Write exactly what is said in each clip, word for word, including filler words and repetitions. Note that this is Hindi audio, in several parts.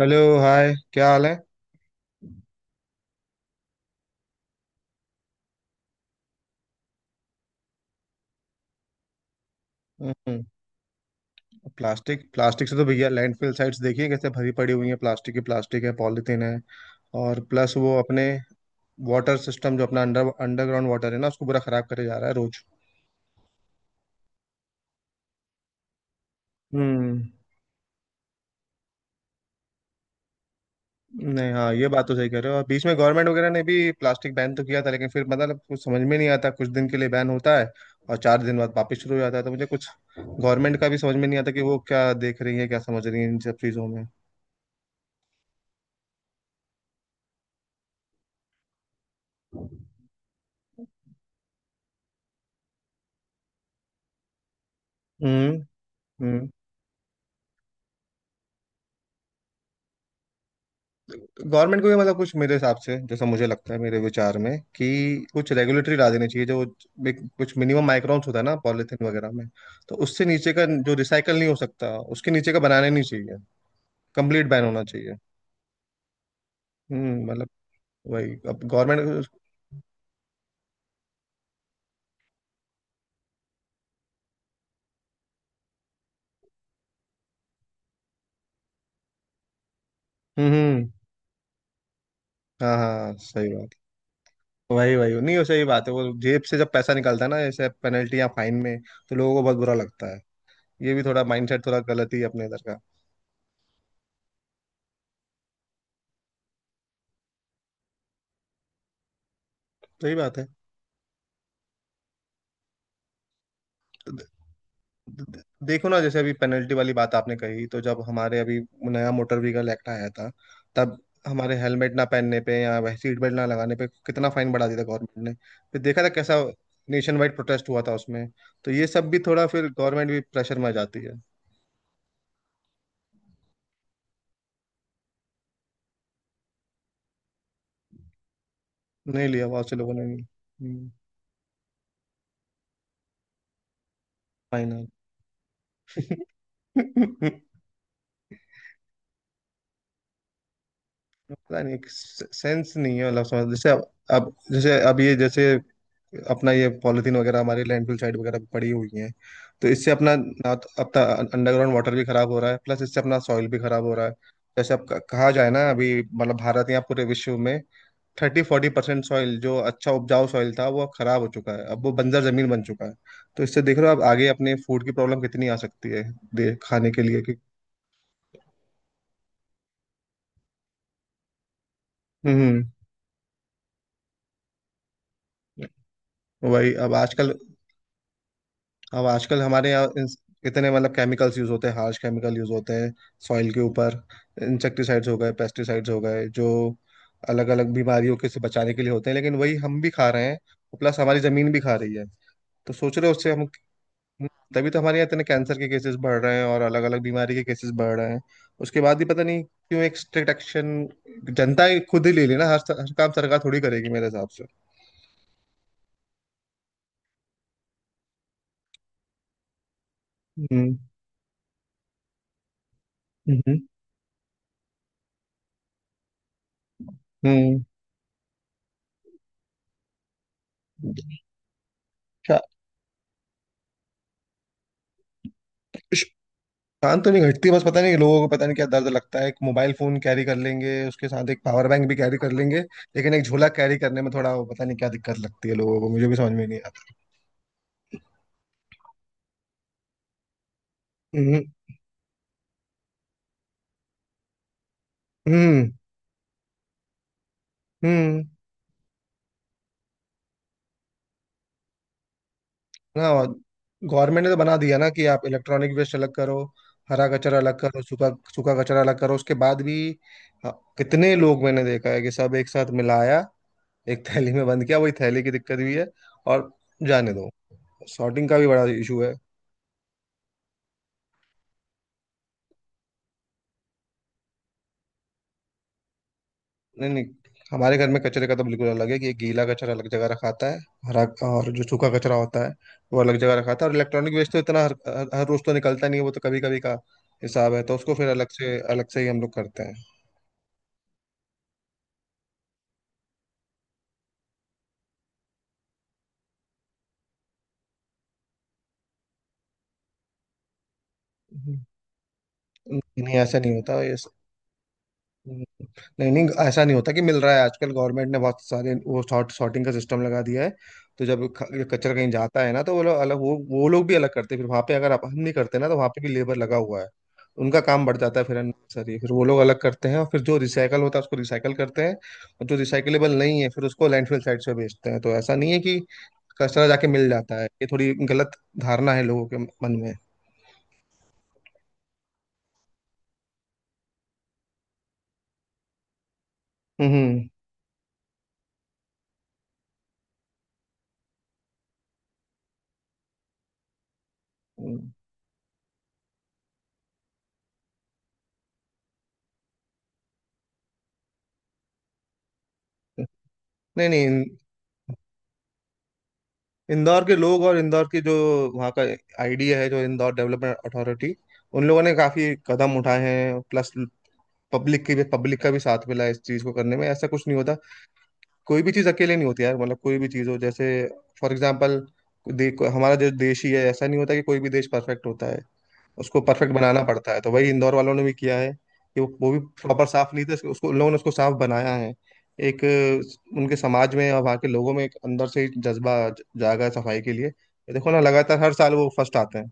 Hello, hi. क्या हाल है। हम्म। प्लास्टिक प्लास्टिक से तो भैया लैंडफिल साइट्स देखिए कैसे भरी पड़ी हुई है। प्लास्टिक की, प्लास्टिक है, पॉलिथीन है। और प्लस वो अपने वाटर सिस्टम जो अपना अंडर अंडरग्राउंड वाटर है ना, उसको पूरा खराब करे जा रहा है रोज। हम्म। नहीं, हाँ ये बात तो सही कह रहे हो। और बीच में गवर्नमेंट वगैरह ने भी प्लास्टिक बैन तो किया था, लेकिन फिर मतलब कुछ समझ में नहीं आता। कुछ दिन के लिए बैन होता है और चार दिन बाद वापस शुरू हो जाता है। तो मुझे कुछ गवर्नमेंट का भी समझ में नहीं आता कि वो क्या देख रही है, क्या समझ रही है इन सब चीज़ों में। हम्म। हम्म। गवर्नमेंट को भी मतलब कुछ, मेरे हिसाब से, जैसा मुझे लगता है, मेरे विचार में, कि कुछ रेगुलेटरी ला देनी चाहिए जो बिक- कुछ मिनिमम माइक्रोन्स होता है ना पॉलिथीन वगैरह में। तो उससे नीचे का जो रिसाइकल नहीं हो सकता, उसके नीचे का बनाना ही नहीं चाहिए। कंप्लीट बैन होना चाहिए। हम्म। मतलब वही अब गवर्नमेंट। हम्म। हम्म, हाँ हाँ सही बात। वही वही नहीं, वो सही बात है, वो जेब से जब पैसा निकलता है ना, जैसे पेनल्टी या फाइन में, तो लोगों को बहुत बुरा लगता है। ये भी थोड़ा माइंडसेट थोड़ा गलत ही है अपने इधर का। सही बात है। द- देखो ना, जैसे अभी पेनल्टी वाली बात आपने कही, तो जब हमारे अभी नया मोटर व्हीकल एक्ट आया था, तब हमारे हेलमेट ना पहनने पे या वह सीट बेल्ट ना लगाने पे कितना फाइन बढ़ा दिया था गवर्नमेंट ने। फिर देखा था कैसा नेशन वाइड प्रोटेस्ट हुआ था उसमें। तो ये सब भी थोड़ा फिर गवर्नमेंट भी प्रेशर में आ जाती है। नहीं लिया बहुत से लोगों ने भी। फाइनल। पता नहीं, सेंस नहीं है, मतलब समझ। जैसे अब अब जैसे अब ये जैसे अपना ये पॉलिथीन वगैरह हमारी लैंडफिल साइड वगैरह पे पड़ी हुई हैं। तो इससे अपना ना तो अपना अंडरग्राउंड वाटर भी खराब हो रहा है, प्लस इससे अपना सॉइल भी खराब हो रहा है। जैसे आप कहा जाए ना, अभी मतलब भारत या पूरे विश्व में थर्टी फोर्टी परसेंट सॉइल जो अच्छा उपजाऊ सॉइल था, वो अब खराब हो चुका है, अब वो बंजर जमीन बन चुका है। तो इससे देख रहे हो आप आगे अपने फूड की प्रॉब्लम कितनी आ सकती है, दे खाने के लिए कि। हम्म। वही अब आजकल, अब आजकल हमारे यहाँ इस- इतने मतलब केमिकल्स यूज होते हैं, हार्श केमिकल यूज होते हैं सॉइल के ऊपर। इंसेक्टिसाइड्स हो गए, पेस्टिसाइड्स हो गए, जो अलग अलग बीमारियों के से बचाने के लिए होते हैं। लेकिन वही हम भी खा रहे हैं, प्लस हमारी जमीन भी खा रही है। तो सोच रहे हो उससे हम, तभी तो हमारे यहाँ इतने कैंसर के केसेस बढ़ रहे हैं और अलग अलग बीमारी के केसेस बढ़ रहे हैं। उसके बाद भी पता नहीं क्यों एक स्ट्रिक्ट एक्शन जनता ही खुद ही ले लेना। हर, हर काम सरकार थोड़ी करेगी मेरे हिसाब से। हम्म। हम्म। हम्म। शा- थकान तो नहीं घटती, बस पता नहीं लोगों को, पता नहीं क्या दर्द लगता है। एक मोबाइल फोन कैरी कर लेंगे, उसके साथ एक पावर बैंक भी कैरी कर लेंगे, लेकिन एक झोला कैरी करने में थोड़ा वो, पता नहीं क्या दिक्कत लगती है लोगों को, मुझे भी समझ में नहीं आता। हम्म। हम्म। हम्म। ना। गवर्नमेंट ने तो बना दिया ना कि आप इलेक्ट्रॉनिक वेस्ट अलग करो, हरा कचरा अलग करो, सूखा सूखा कचरा अलग करो। उसके बाद भी अ, कितने लोग मैंने देखा है कि सब एक साथ मिलाया, एक थैली में बंद किया। वही थैली की दिक्कत भी है। और जाने दो, सॉर्टिंग का भी बड़ा इशू है। नहीं नहीं, हमारे घर में कचरे का तो बिल्कुल अलग है कि गीला कचरा अलग जगह रखा आता है, हरा, और जो सूखा कचरा होता है वो अलग जगह रखा आता है। और इलेक्ट्रॉनिक वेस्ट तो इतना हर, हर, हर रोज तो निकलता नहीं है, वो तो कभी कभी का हिसाब है, तो उसको फिर अलग से अलग से ही हम लोग करते हैं। हम्म। नहीं, ऐसा नहीं होता ये। हम्म, नहीं नहीं, ऐसा नहीं होता कि मिल रहा है। आजकल गवर्नमेंट ने बहुत सारे वो सॉर्ट सॉर्टिंग का सिस्टम लगा दिया है। तो जब ख- ये कचरा कहीं जाता है ना, तो वो लोग अलग, वो वो लोग भी अलग करते हैं। फिर वहां पे अगर आप, हम नहीं करते ना, तो वहां पे भी लेबर लगा हुआ है। उनका काम बढ़ जाता है फिर अननेसेसरी, फिर वो लोग अलग करते हैं, और फिर जो रिसाइकल होता है उसको रिसाइकल करते हैं। और जो रिसाइकलेबल नहीं है, फिर उसको लैंडफिल साइट से बेचते हैं। तो ऐसा नहीं है कि कचरा जाके मिल जाता है, ये थोड़ी गलत धारणा है लोगों के मन में। हम्म। हम्म। हम्म। नहीं नहीं, इंदौर के लोग और इंदौर की जो वहाँ का आईडिया है, जो इंदौर डेवलपमेंट अथॉरिटी, उन लोगों ने काफी कदम उठाए हैं। प्लस पब्लिक की भी, पब्लिक का भी साथ मिला है इस चीज को करने में। ऐसा कुछ नहीं होता, कोई भी चीज अकेले नहीं होती यार। मतलब कोई भी चीज हो, जैसे फॉर एग्जाम्पल हमारा जो देश ही है, ऐसा नहीं होता कि कोई भी देश परफेक्ट होता है, उसको परफेक्ट बनाना पड़ता है। तो वही इंदौर वालों ने भी किया है कि वो वो भी प्रॉपर साफ नहीं थे, उसको उन लोगों ने, उसको साफ बनाया है। एक अ, उनके समाज में और वहाँ के लोगों में एक अंदर से ही जज्बा ज- जागा है सफाई के लिए। ये देखो ना लगातार हर साल वो फर्स्ट आते हैं।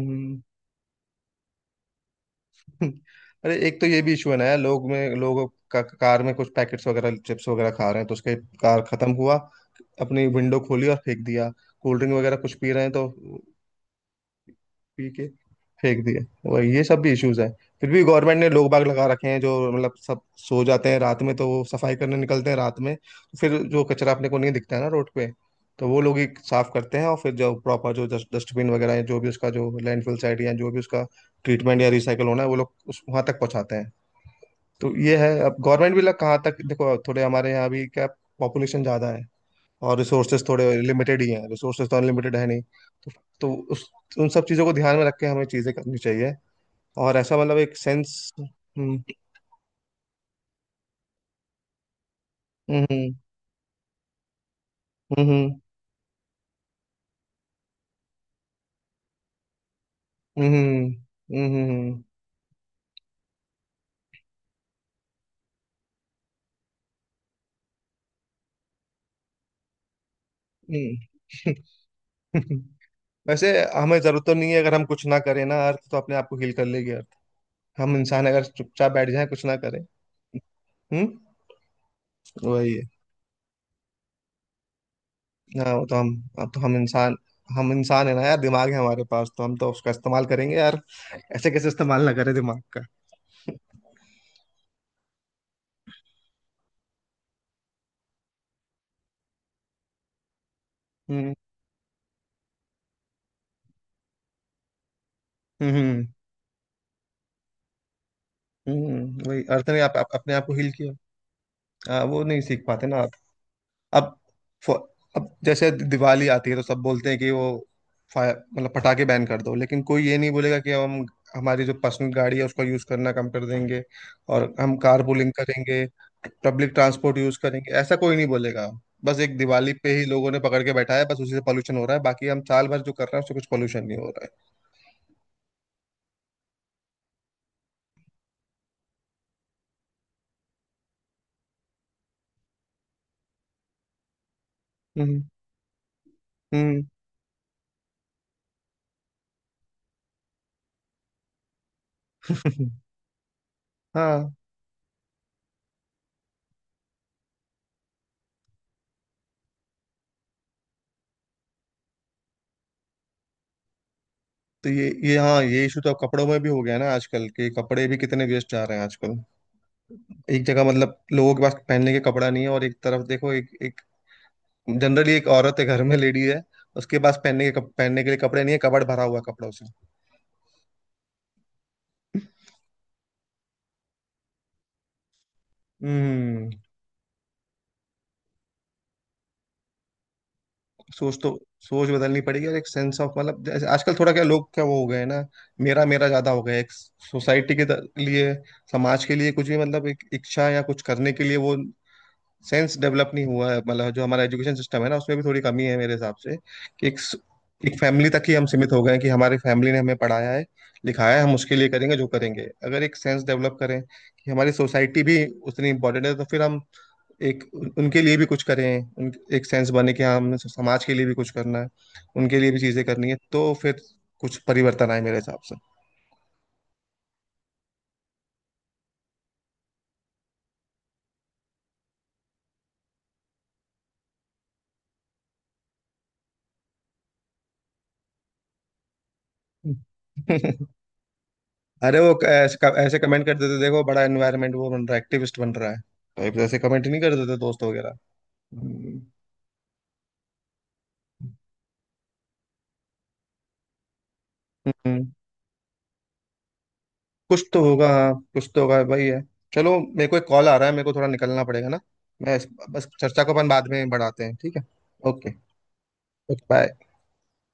हम्म। अरे एक तो ये भी इशू है ना यार, लोग में लोग का, कार में कुछ पैकेट्स वगैरह, चिप्स वगैरह खा रहे हैं, तो उसके कार खत्म हुआ, अपनी विंडो खोली और फेंक दिया। कोल्ड ड्रिंक वगैरह कुछ पी रहे हैं, तो पी के फेंक दिया। वही ये सब भी इश्यूज है। फिर भी गवर्नमेंट ने लोग बाग लगा रखे हैं जो मतलब, सब सो जाते हैं रात में, तो वो सफाई करने निकलते हैं रात में। तो फिर जो कचरा अपने को नहीं दिखता है ना रोड पे, तो वो लोग ही साफ करते हैं। और फिर जो प्रॉपर जो डस्टबिन वगैरह है, जो भी उसका, जो लैंडफिल साइट या जो भी उसका ट्रीटमेंट या रिसाइकल होना है, वो लोग उस वहां तक पहुंचाते हैं। तो ये है, अब गवर्नमेंट भी लग कहाँ तक देखो, थोड़े हमारे यहाँ भी क्या, पॉपुलेशन ज्यादा है और रिसोर्सेज थोड़े लिमिटेड ही हैं, रिसोर्सेज तो अनलिमिटेड है नहीं, तो, तो उस उन सब चीज़ों को ध्यान में रख के हमें चीज़ें करनी चाहिए। और ऐसा मतलब एक सेंस। हम्म। हम्म। हम्म। हम्म। हम्म। हम्म। वैसे हमें जरूरत तो नहीं है, अगर हम कुछ ना करें ना, अर्थ तो अपने आप को हील कर लेगी अर्थ। हम इंसान अगर चुपचाप बैठ जाए, कुछ ना करें। हम्म। वही है। हाँ वो तो हम, अब तो हम इंसान, हम इंसान है ना यार, दिमाग है हमारे पास तो हम तो उसका इस्तेमाल करेंगे यार। ऐसे कैसे इस्तेमाल ना करें दिमाग का। हम्म? हम्म। हम्म। वही अर्थ ने आप, आप अपने आप को हील किया। हाँ, वो नहीं सीख पाते ना आप। अब फ- अब जैसे दिवाली आती है तो सब बोलते हैं कि वो फायर मतलब पटाखे बैन कर दो, लेकिन कोई ये नहीं बोलेगा कि हम हमारी जो पर्सनल गाड़ी है उसका यूज करना कम कर देंगे और हम कार पूलिंग करेंगे, पब्लिक ट्रांसपोर्ट यूज करेंगे, ऐसा कोई नहीं बोलेगा। बस एक दिवाली पे ही लोगों ने पकड़ के बैठा है, बस उसी से पॉल्यूशन हो रहा है, बाकी हम साल भर जो कर रहे हैं उससे कुछ पॉल्यूशन नहीं हो रहा है। हम्म। हम्म। हाँ, तो ये ये हाँ, ये इशू तो अब कपड़ों में भी हो गया है ना, आजकल के कपड़े भी कितने वेस्ट जा रहे हैं आजकल। एक जगह मतलब लोगों के पास पहनने के कपड़ा नहीं है, और एक तरफ देखो एक एक जनरली एक औरत है घर में, लेडी है, उसके पास पहनने के कप- पहनने के लिए कपड़े नहीं है, कबाड़ भरा हुआ है कपड़ों से। हम्म। सोच तो, सोच बदलनी पड़ेगी, और एक सेंस ऑफ मतलब जैसे आजकल थोड़ा क्या लोग क्या वो हो गए हैं ना, मेरा मेरा ज्यादा हो गया है। एक सोसाइटी के त- लिए, समाज के लिए कुछ भी मतलब एक इच्छा या कुछ करने के लिए, वो सेंस डेवलप नहीं हुआ है। मतलब जो हमारा एजुकेशन सिस्टम है ना, उसमें भी थोड़ी कमी है मेरे हिसाब से कि एक एक फैमिली तक ही हम सीमित हो गए हैं, कि हमारी फैमिली ने हमें पढ़ाया है, लिखाया है, हम उसके लिए करेंगे जो करेंगे। अगर एक सेंस डेवलप करें कि हमारी सोसाइटी भी उतनी इंपॉर्टेंट है, तो फिर हम एक उन- उनके लिए भी कुछ करें। उन एक सेंस बने कि हाँ हमने समाज के लिए भी कुछ करना है, उनके लिए भी चीजें करनी है, तो फिर कुछ परिवर्तन आए मेरे हिसाब से। अरे वो क- ऐसे क- ऐसे कमेंट कर देते देखो, बड़ा एनवायरनमेंट वो बन रहा है, एक्टिविस्ट बन रहा है, तो ऐसे कमेंट नहीं कर देते दोस्त वगैरह। हम्म। हम्म, कुछ तो होगा, हाँ कुछ तो होगा वही है। चलो, मेरे को एक कॉल आ रहा है, मेरे को थोड़ा निकलना पड़ेगा ना। मैं इस- बस चर्चा को अपन बाद में बढ़ाते हैं, ठीक है। ओके। Okay, bye.